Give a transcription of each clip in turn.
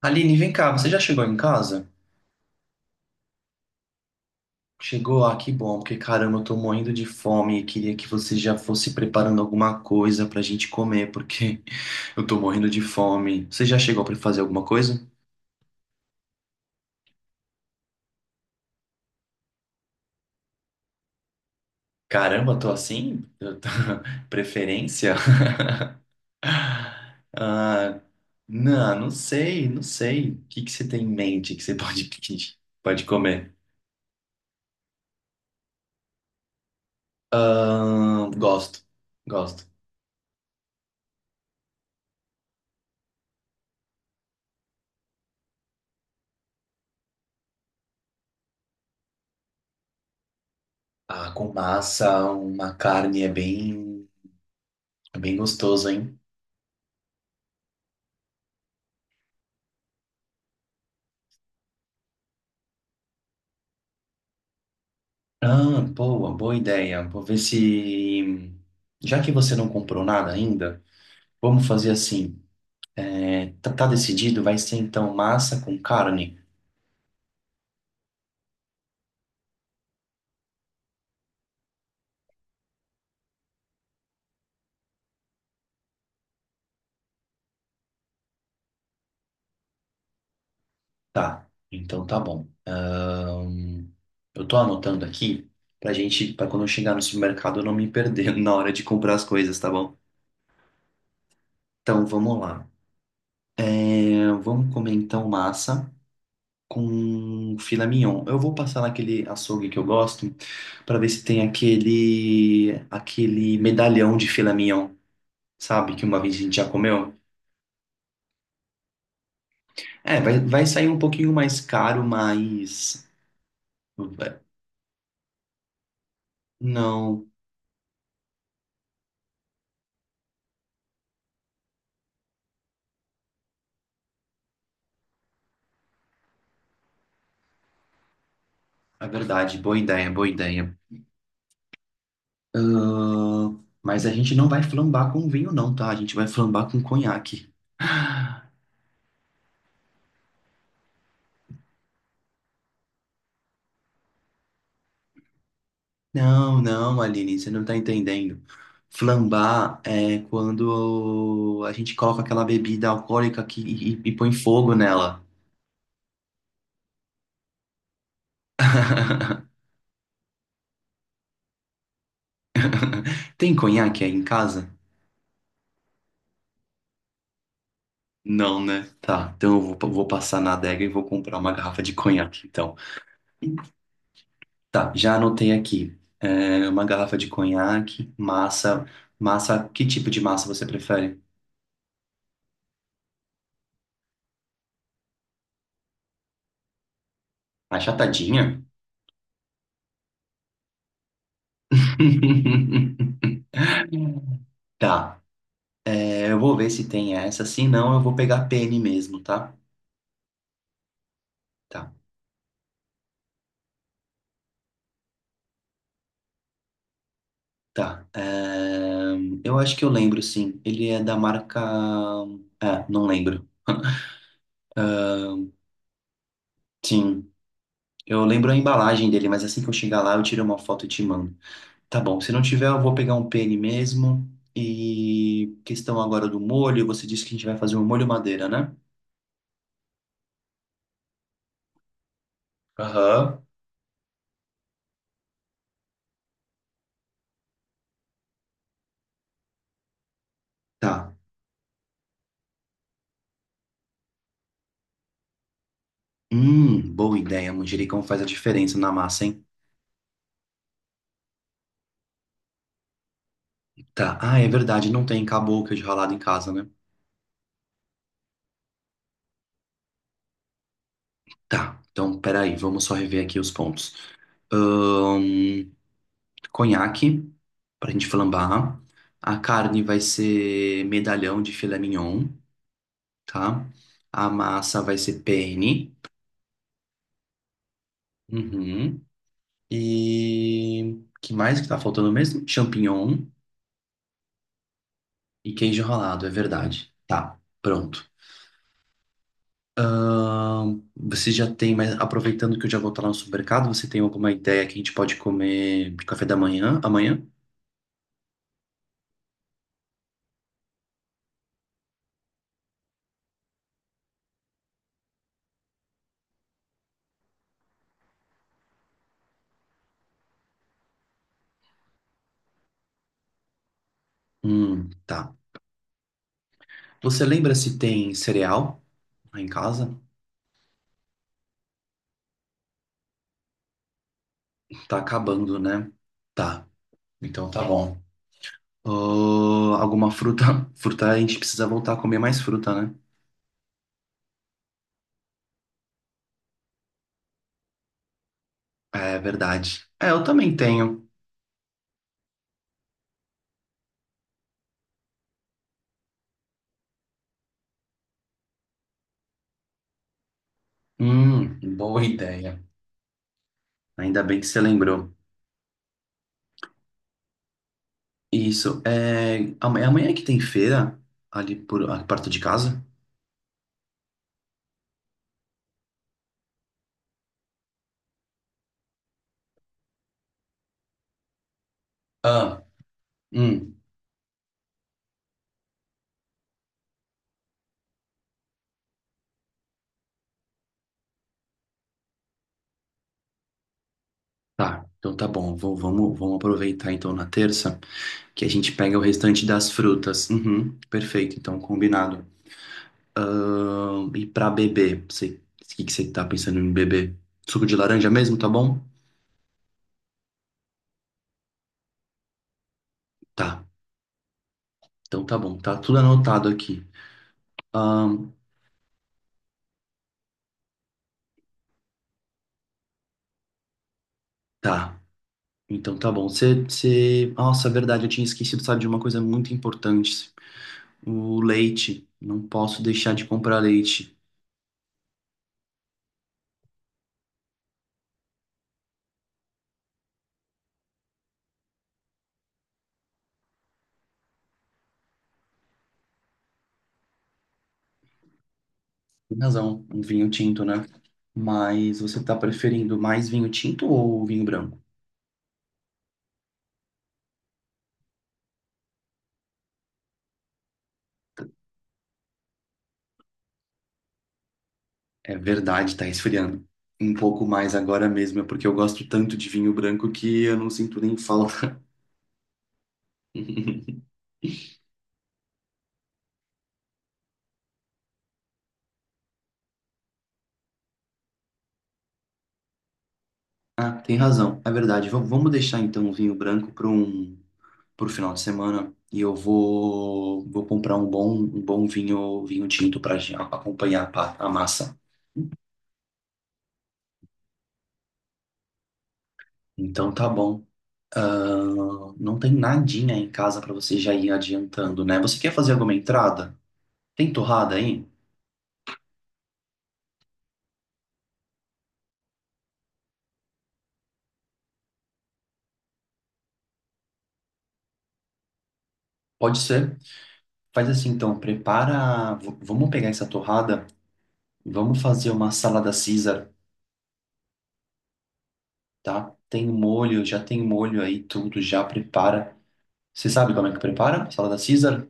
Aline, vem cá, você já chegou em casa? Chegou? Ah, que bom, porque caramba, eu tô morrendo de fome e queria que você já fosse preparando alguma coisa pra gente comer, porque eu tô morrendo de fome. Você já chegou pra fazer alguma coisa? Caramba, tô assim? Eu tô- Preferência? Ah, não sei, não sei. O que que você tem em mente que você pode pedir? Pode comer? Ah, gosto. Ah, com massa, uma carne é bem. É bem gostoso, hein? Ah, boa ideia. Vou ver se. Já que você não comprou nada ainda, vamos fazer assim. É, tá decidido? Vai ser então massa com carne? Tá, então tá bom. Eu tô anotando aqui pra gente, pra quando eu chegar no supermercado eu não me perder na hora de comprar as coisas, tá bom? Então vamos lá. É, vamos comer então massa com filé mignon. Eu vou passar naquele açougue que eu gosto para ver se tem aquele medalhão de filé mignon, sabe? Que uma vez a gente já comeu. É, vai sair um pouquinho mais caro, mas é, não, é verdade. Boa ideia. Mas a gente não vai flambar com vinho, não, tá? A gente vai flambar com conhaque. Não, Aline, você não tá entendendo. Flambar é quando a gente coloca aquela bebida alcoólica e põe fogo nela. Tem conhaque aí em casa? Não, né? Tá, então eu vou passar na adega e vou comprar uma garrafa de conhaque, então. Tá, já anotei aqui. É, uma garrafa de conhaque, massa. Massa, que tipo de massa você prefere? Achatadinha? Tá. É, eu vou ver se tem essa. Se não, eu vou pegar a Penny mesmo, tá? Tá, tá. É, eu acho que eu lembro, sim. Ele é da marca. É, não lembro. Sim. Eu lembro a embalagem dele, mas assim que eu chegar lá, eu tiro uma foto e te mando. Tá bom. Se não tiver, eu vou pegar um pene mesmo. E questão agora do molho. Você disse que a gente vai fazer um molho madeira, né? Aham. Tá. Boa ideia. Manjericão faz a diferença na massa, hein? Tá. Ah, é verdade. Não tem caboclo de ralado em casa, né? Tá, então peraí, vamos só rever aqui os pontos. Ahn, conhaque, pra gente flambar. A carne vai ser medalhão de filé mignon, tá? A massa vai ser penne. Uhum. E que mais que tá faltando mesmo? Champignon e queijo ralado, é verdade. Tá, pronto. Você já tem, mas aproveitando que eu já vou estar lá no supermercado, você tem alguma ideia que a gente pode comer de café da manhã amanhã? Tá. Você lembra se tem cereal lá em casa? Tá acabando, né? Tá. Então tá bom. Alguma fruta? Fruta a gente precisa voltar a comer mais fruta, né? É verdade. É, eu também tenho. Boa ideia. Ainda bem que você lembrou. Isso. É amanhã que tem feira ali por ah, perto de casa? Ah, hum. Tá. Então tá bom. Vamos aproveitar então na terça que a gente pega o restante das frutas. Uhum, perfeito. Então combinado. E pra beber, você, o que que você tá pensando em beber? Suco de laranja mesmo, tá bom? Tá. Então tá bom, tá tudo anotado aqui. Ahn, tá. Então tá bom. Você, você... Nossa, é verdade, eu tinha esquecido, sabe, de uma coisa muito importante. O leite. Não posso deixar de comprar leite. Tem razão, um vinho tinto, né? Mas você tá preferindo mais vinho tinto ou vinho branco? É verdade, tá esfriando. Um pouco mais agora mesmo, é porque eu gosto tanto de vinho branco que eu não sinto nem falta. Ah, tem razão, é verdade. Vamos deixar então o vinho branco para pro final de semana e eu vou comprar um bom vinho tinto para acompanhar a massa. Então tá bom. Ah, não tem nadinha em casa para você já ir adiantando, né? Você quer fazer alguma entrada? Tem torrada aí? Pode ser. Faz assim então, prepara. Vamos pegar essa torrada e vamos fazer uma salada Caesar, tá? Tem molho, já tem molho aí, tudo já prepara. Você sabe como é que prepara? Salada Caesar?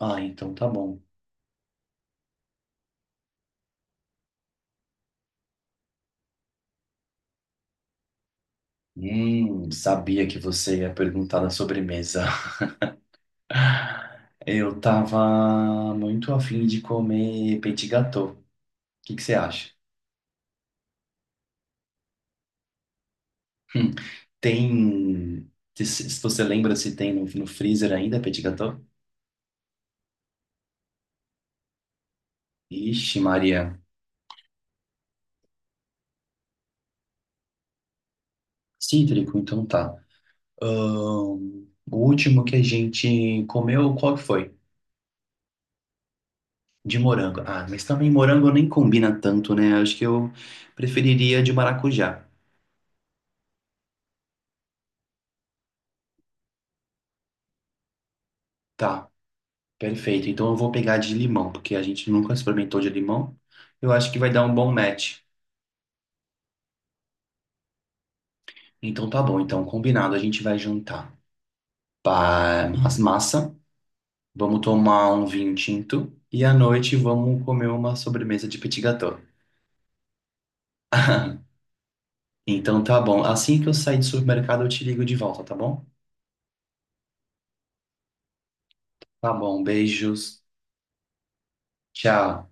Ah, então tá bom. Sabia que você ia perguntar da sobremesa. Eu tava muito afim de comer petit gâteau. O que que você acha? Hum, tem. Se você lembra se tem no, no freezer ainda petit gâteau? Ixi, Maria. Cítrico, então tá. O último que a gente comeu, qual que foi? De morango. Ah, mas também morango nem combina tanto, né? Acho que eu preferiria de maracujá. Tá, perfeito. Então eu vou pegar de limão, porque a gente nunca experimentou de limão. Eu acho que vai dar um bom match. Então tá bom, então combinado, a gente vai jantar. Pá, as massa, vamos tomar um vinho tinto e à noite vamos comer uma sobremesa de petit gâteau. Então tá bom. Assim que eu sair do supermercado, eu te ligo de volta, tá bom? Tá bom, beijos. Tchau.